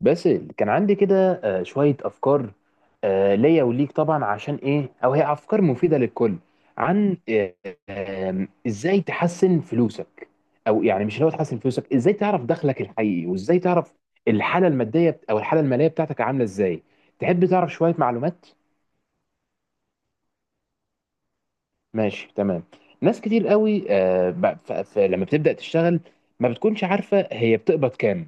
بس كان عندي كده، شوية أفكار. ليا وليك طبعا، عشان إيه أو هي أفكار مفيدة للكل عن آه، آم، إزاي تحسن فلوسك. أو يعني مش لو تحسن فلوسك، إزاي تعرف دخلك الحقيقي وإزاي تعرف الحالة المادية أو الحالة المالية بتاعتك عاملة إزاي. تحب تعرف شوية معلومات. ماشي تمام. ناس كتير قوي، لما بتبدأ تشتغل ما بتكونش عارفة هي بتقبض كام.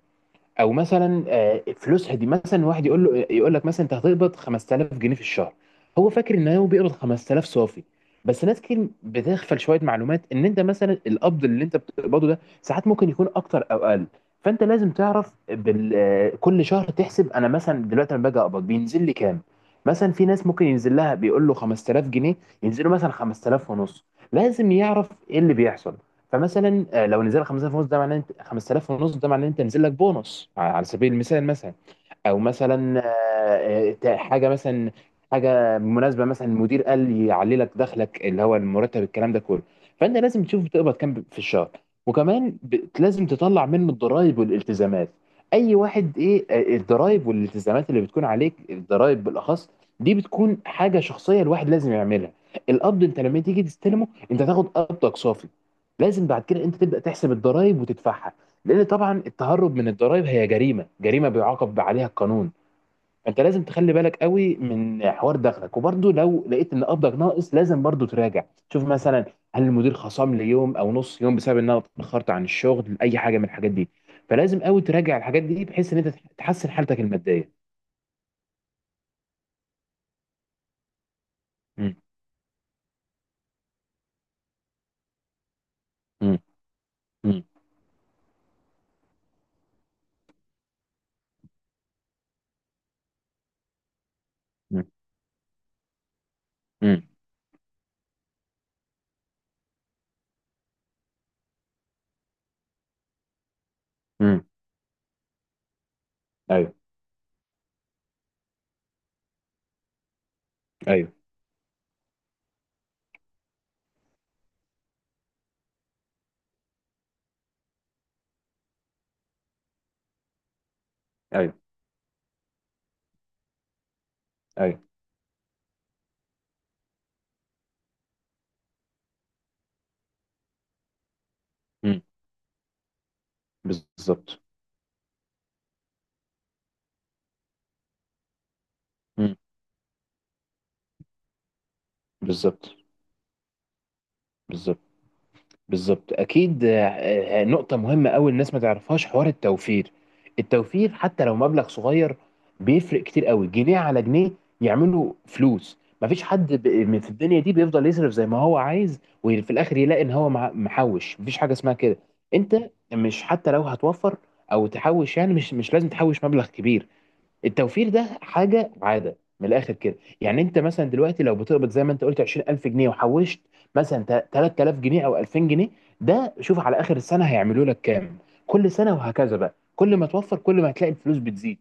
او مثلا فلوسها دي، مثلا واحد يقول لك مثلا انت هتقبض 5000 جنيه في الشهر. هو فاكر ان هو بيقبض 5000 صافي. بس ناس كتير بتغفل شويه معلومات، ان انت مثلا القبض اللي انت بتقبضه ده ساعات ممكن يكون اكتر او اقل. فانت لازم تعرف بال... آه، كل شهر تحسب انا مثلا دلوقتي لما باجي اقبض بينزل لي كام. مثلا في ناس ممكن ينزل لها بيقول له 5000 جنيه، ينزلوا مثلا 5000 ونص. لازم يعرف ايه اللي بيحصل. فمثلا لو نزل 5000 ونص، ده معناه انت 5000 ونص، ده معناه انت نزل لك بونص، على سبيل المثال مثلا. او مثلا حاجه مثلا، حاجه مناسبه مثلا المدير قال يعلي لك دخلك اللي هو المرتب الكلام ده كله. فانت لازم تشوف بتقبض كام في الشهر. وكمان لازم تطلع منه الضرائب والالتزامات. اي واحد ايه الضرائب والالتزامات اللي بتكون عليك، الضرائب بالاخص، دي بتكون حاجه شخصيه الواحد لازم يعملها. القبض انت لما تيجي تستلمه انت تاخد قبضك صافي. لازم بعد كده انت تبدا تحسب الضرائب وتدفعها، لان طبعا التهرب من الضرائب هي جريمه، جريمه بيعاقب عليها القانون. فانت لازم تخلي بالك قوي من حوار دخلك. وبرده لو لقيت ان قبضك ناقص لازم برده تراجع. تشوف مثلا، هل المدير خصم لي يوم او نص يوم بسبب ان انا اتاخرت عن الشغل، اي حاجه من الحاجات دي. فلازم قوي تراجع الحاجات دي بحيث ان انت تحسن حالتك الماديه. مم. مم. مم. مم. مم. مم. ايوه. ايوه. ايوه. ايوه. مم. بالظبط. مم. بالظبط. بالظبط. بالظبط. اكيد. نقطه مهمه قوي الناس ما تعرفهاش، حوار التوفير. التوفير حتى لو مبلغ صغير بيفرق كتير قوي، جنيه على جنيه يعملوا فلوس. مفيش حد من في الدنيا دي بيفضل يصرف زي ما هو عايز وفي الاخر يلاقي ان هو محوش. مفيش حاجه اسمها كده. انت مش، حتى لو هتوفر او تحوش، يعني مش لازم تحوش مبلغ كبير. التوفير ده حاجه عاده من الاخر كده. يعني انت مثلا دلوقتي لو بتقبض زي ما انت قلت 20000 جنيه وحوشت مثلا 3000 جنيه او 2000 جنيه، ده شوف على اخر السنه هيعملوا لك كام. كل سنه وهكذا بقى، كل ما توفر كل ما هتلاقي الفلوس بتزيد.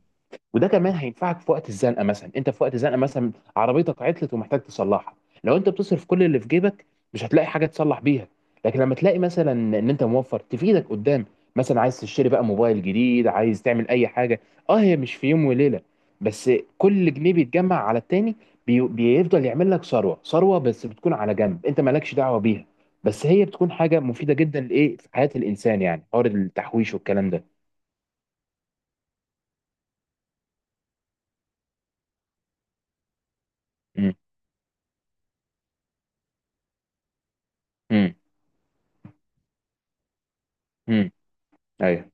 وده كمان هينفعك في وقت الزنقه. مثلا انت في وقت الزنقه مثلا، عربيتك عطلت ومحتاج تصلحها، لو انت بتصرف كل اللي في جيبك مش هتلاقي حاجه تصلح بيها. لكن لما تلاقي مثلا ان انت موفر، تفيدك قدام. مثلا عايز تشتري بقى موبايل جديد، عايز تعمل اي حاجه. اه هي مش في يوم وليله بس، كل جنيه بيتجمع على التاني. بيفضل يعمل لك ثروه، ثروه بس بتكون على جنب انت مالكش دعوه بيها. بس هي بتكون حاجه مفيده جدا لايه في حياه الانسان، يعني حوار التحويش والكلام ده. امم. امم. امم. ايوه.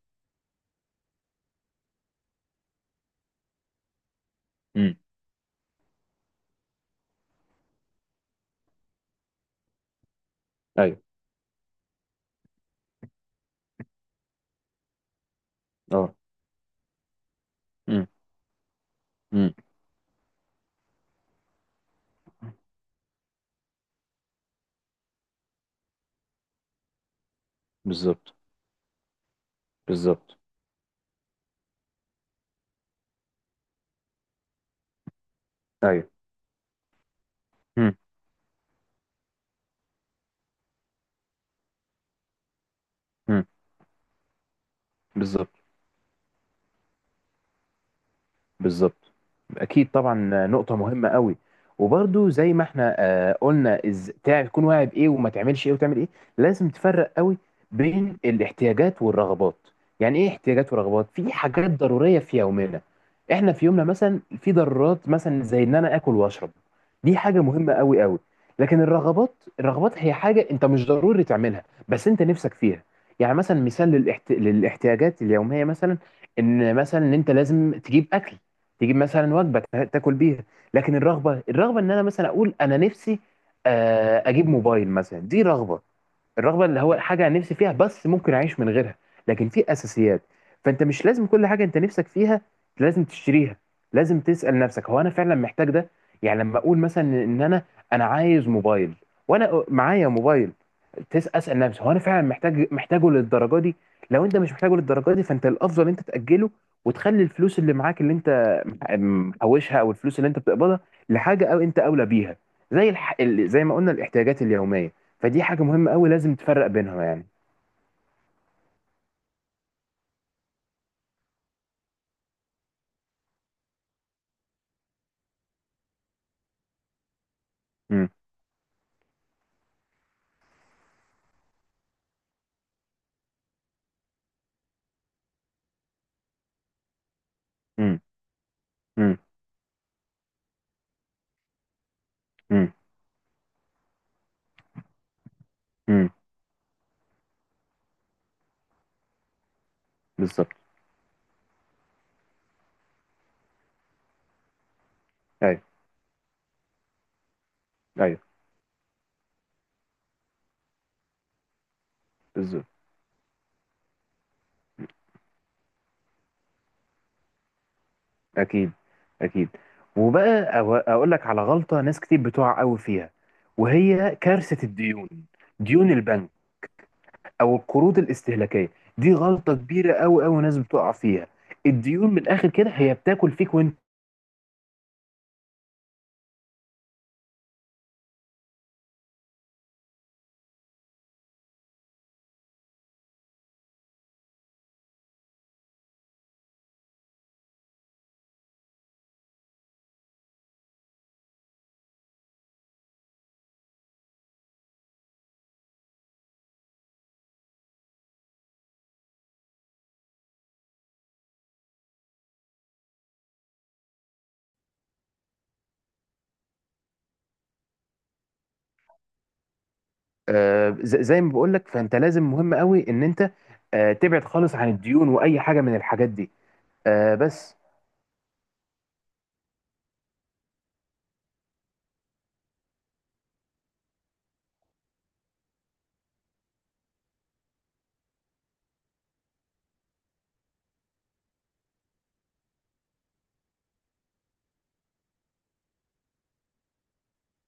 امم. ايوه. اه. امم. امم. بالظبط. بالظبط. ايوه. امم. امم. بالظبط. بالظبط. اكيد طبعا، نقطه مهمه قوي. وبرده زي ما احنا قلنا، تكون واعي بايه وما تعملش ايه وتعمل ايه. لازم تفرق قوي بين الاحتياجات والرغبات. يعني ايه احتياجات ورغبات؟ في حاجات ضروريه في يومنا، احنا في يومنا مثلا في ضرورات مثلا زي ان انا اكل واشرب، دي حاجه مهمه قوي قوي. لكن الرغبات، الرغبات هي حاجه انت مش ضروري تعملها بس انت نفسك فيها. يعني مثلا مثال للاحتياجات اليوميه، مثلا ان مثلا ان انت لازم تجيب اكل، تجيب مثلا وجبه تاكل بيها. لكن الرغبه، الرغبه ان انا مثلا اقول انا نفسي اجيب موبايل مثلا، دي رغبه. الرغبه اللي هو حاجه أنا نفسي فيها بس ممكن اعيش من غيرها. لكن في اساسيات. فانت مش لازم كل حاجه انت نفسك فيها لازم تشتريها. لازم تسال نفسك هو انا فعلا محتاج ده؟ يعني لما اقول مثلا ان انا عايز موبايل، وانا معايا موبايل، تس اسال نفسي هو انا فعلا محتاج، محتاجه للدرجه دي؟ لو انت مش محتاجه للدرجه دي فانت الافضل انت تاجله. وتخلي الفلوس اللي معاك اللي انت محوشها او الفلوس اللي انت بتقبضها لحاجه او انت اولى بيها. زي ما قلنا الاحتياجات اليوميه. فدي حاجه مهمه قوي لازم تفرق بينها يعني. امم. امم. امم. امم. امم. بالظبط. ايوه. ايوه. بالظبط. اكيد. اكيد. وبقى اقول لك على غلطه ناس كتير بتقع قوي فيها، وهي كارثه الديون. ديون البنك او القروض الاستهلاكيه، دي غلطه كبيره قوي قوي ناس بتقع فيها. الديون من الاخر كده هي بتاكل فيك وانت. زي ما بقول لك، فانت لازم، مهم قوي ان انت تبعد خالص عن الديون واي حاجه من الحاجات دي. بس.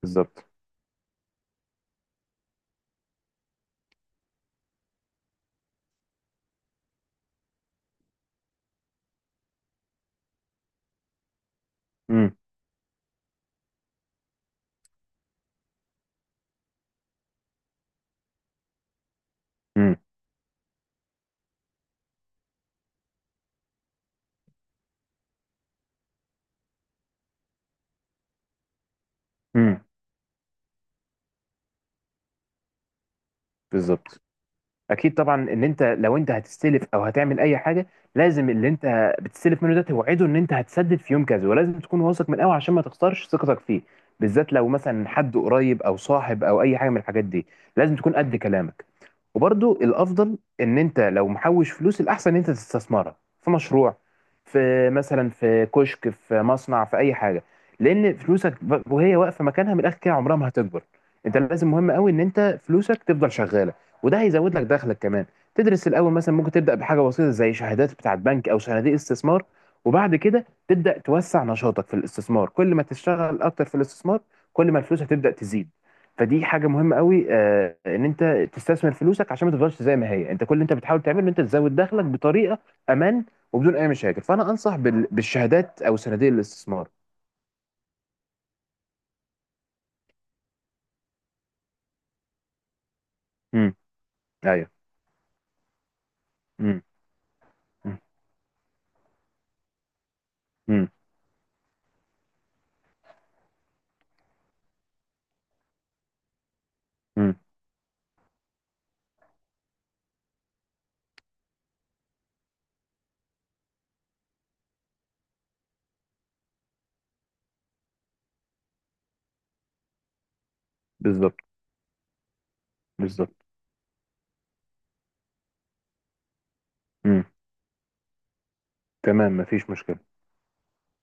بالظبط. امم. امم. امم. بالظبط. اكيد طبعا، ان انت لو انت هتستلف او هتعمل اي حاجه، لازم اللي انت بتستلف منه ده توعده ان انت هتسدد في يوم كذا، ولازم تكون واثق من قوي عشان ما تخسرش ثقتك فيه. بالذات لو مثلا حد قريب او صاحب او اي حاجه من الحاجات دي، لازم تكون قد كلامك. وبرضو الافضل ان انت لو محوش فلوس، الاحسن ان انت تستثمرها في مشروع، في مثلا في كشك، في مصنع، في اي حاجه. لان فلوسك، وهي واقفه مكانها من الاخر كده، عمرها ما هتكبر. انت لازم، مهم قوي ان انت فلوسك تفضل شغاله، وده هيزود لك دخلك كمان. تدرس الاول، مثلا ممكن تبدا بحاجه بسيطه زي شهادات بتاعه بنك او صناديق استثمار. وبعد كده تبدا توسع نشاطك في الاستثمار. كل ما تشتغل اكتر في الاستثمار، كل ما الفلوس هتبدا تزيد. فدي حاجه مهمه قوي ان انت تستثمر فلوسك عشان ما تفضلش زي ما هي. انت كل اللي انت بتحاول تعمله ان انت تزود دخلك بطريقه امان وبدون اي مشاكل. فانا انصح بالشهادات او صناديق الاستثمار. امم. ايوه. امم. امم. امم. بالظبط. بالظبط. امم. تمام، مفيش مشكله.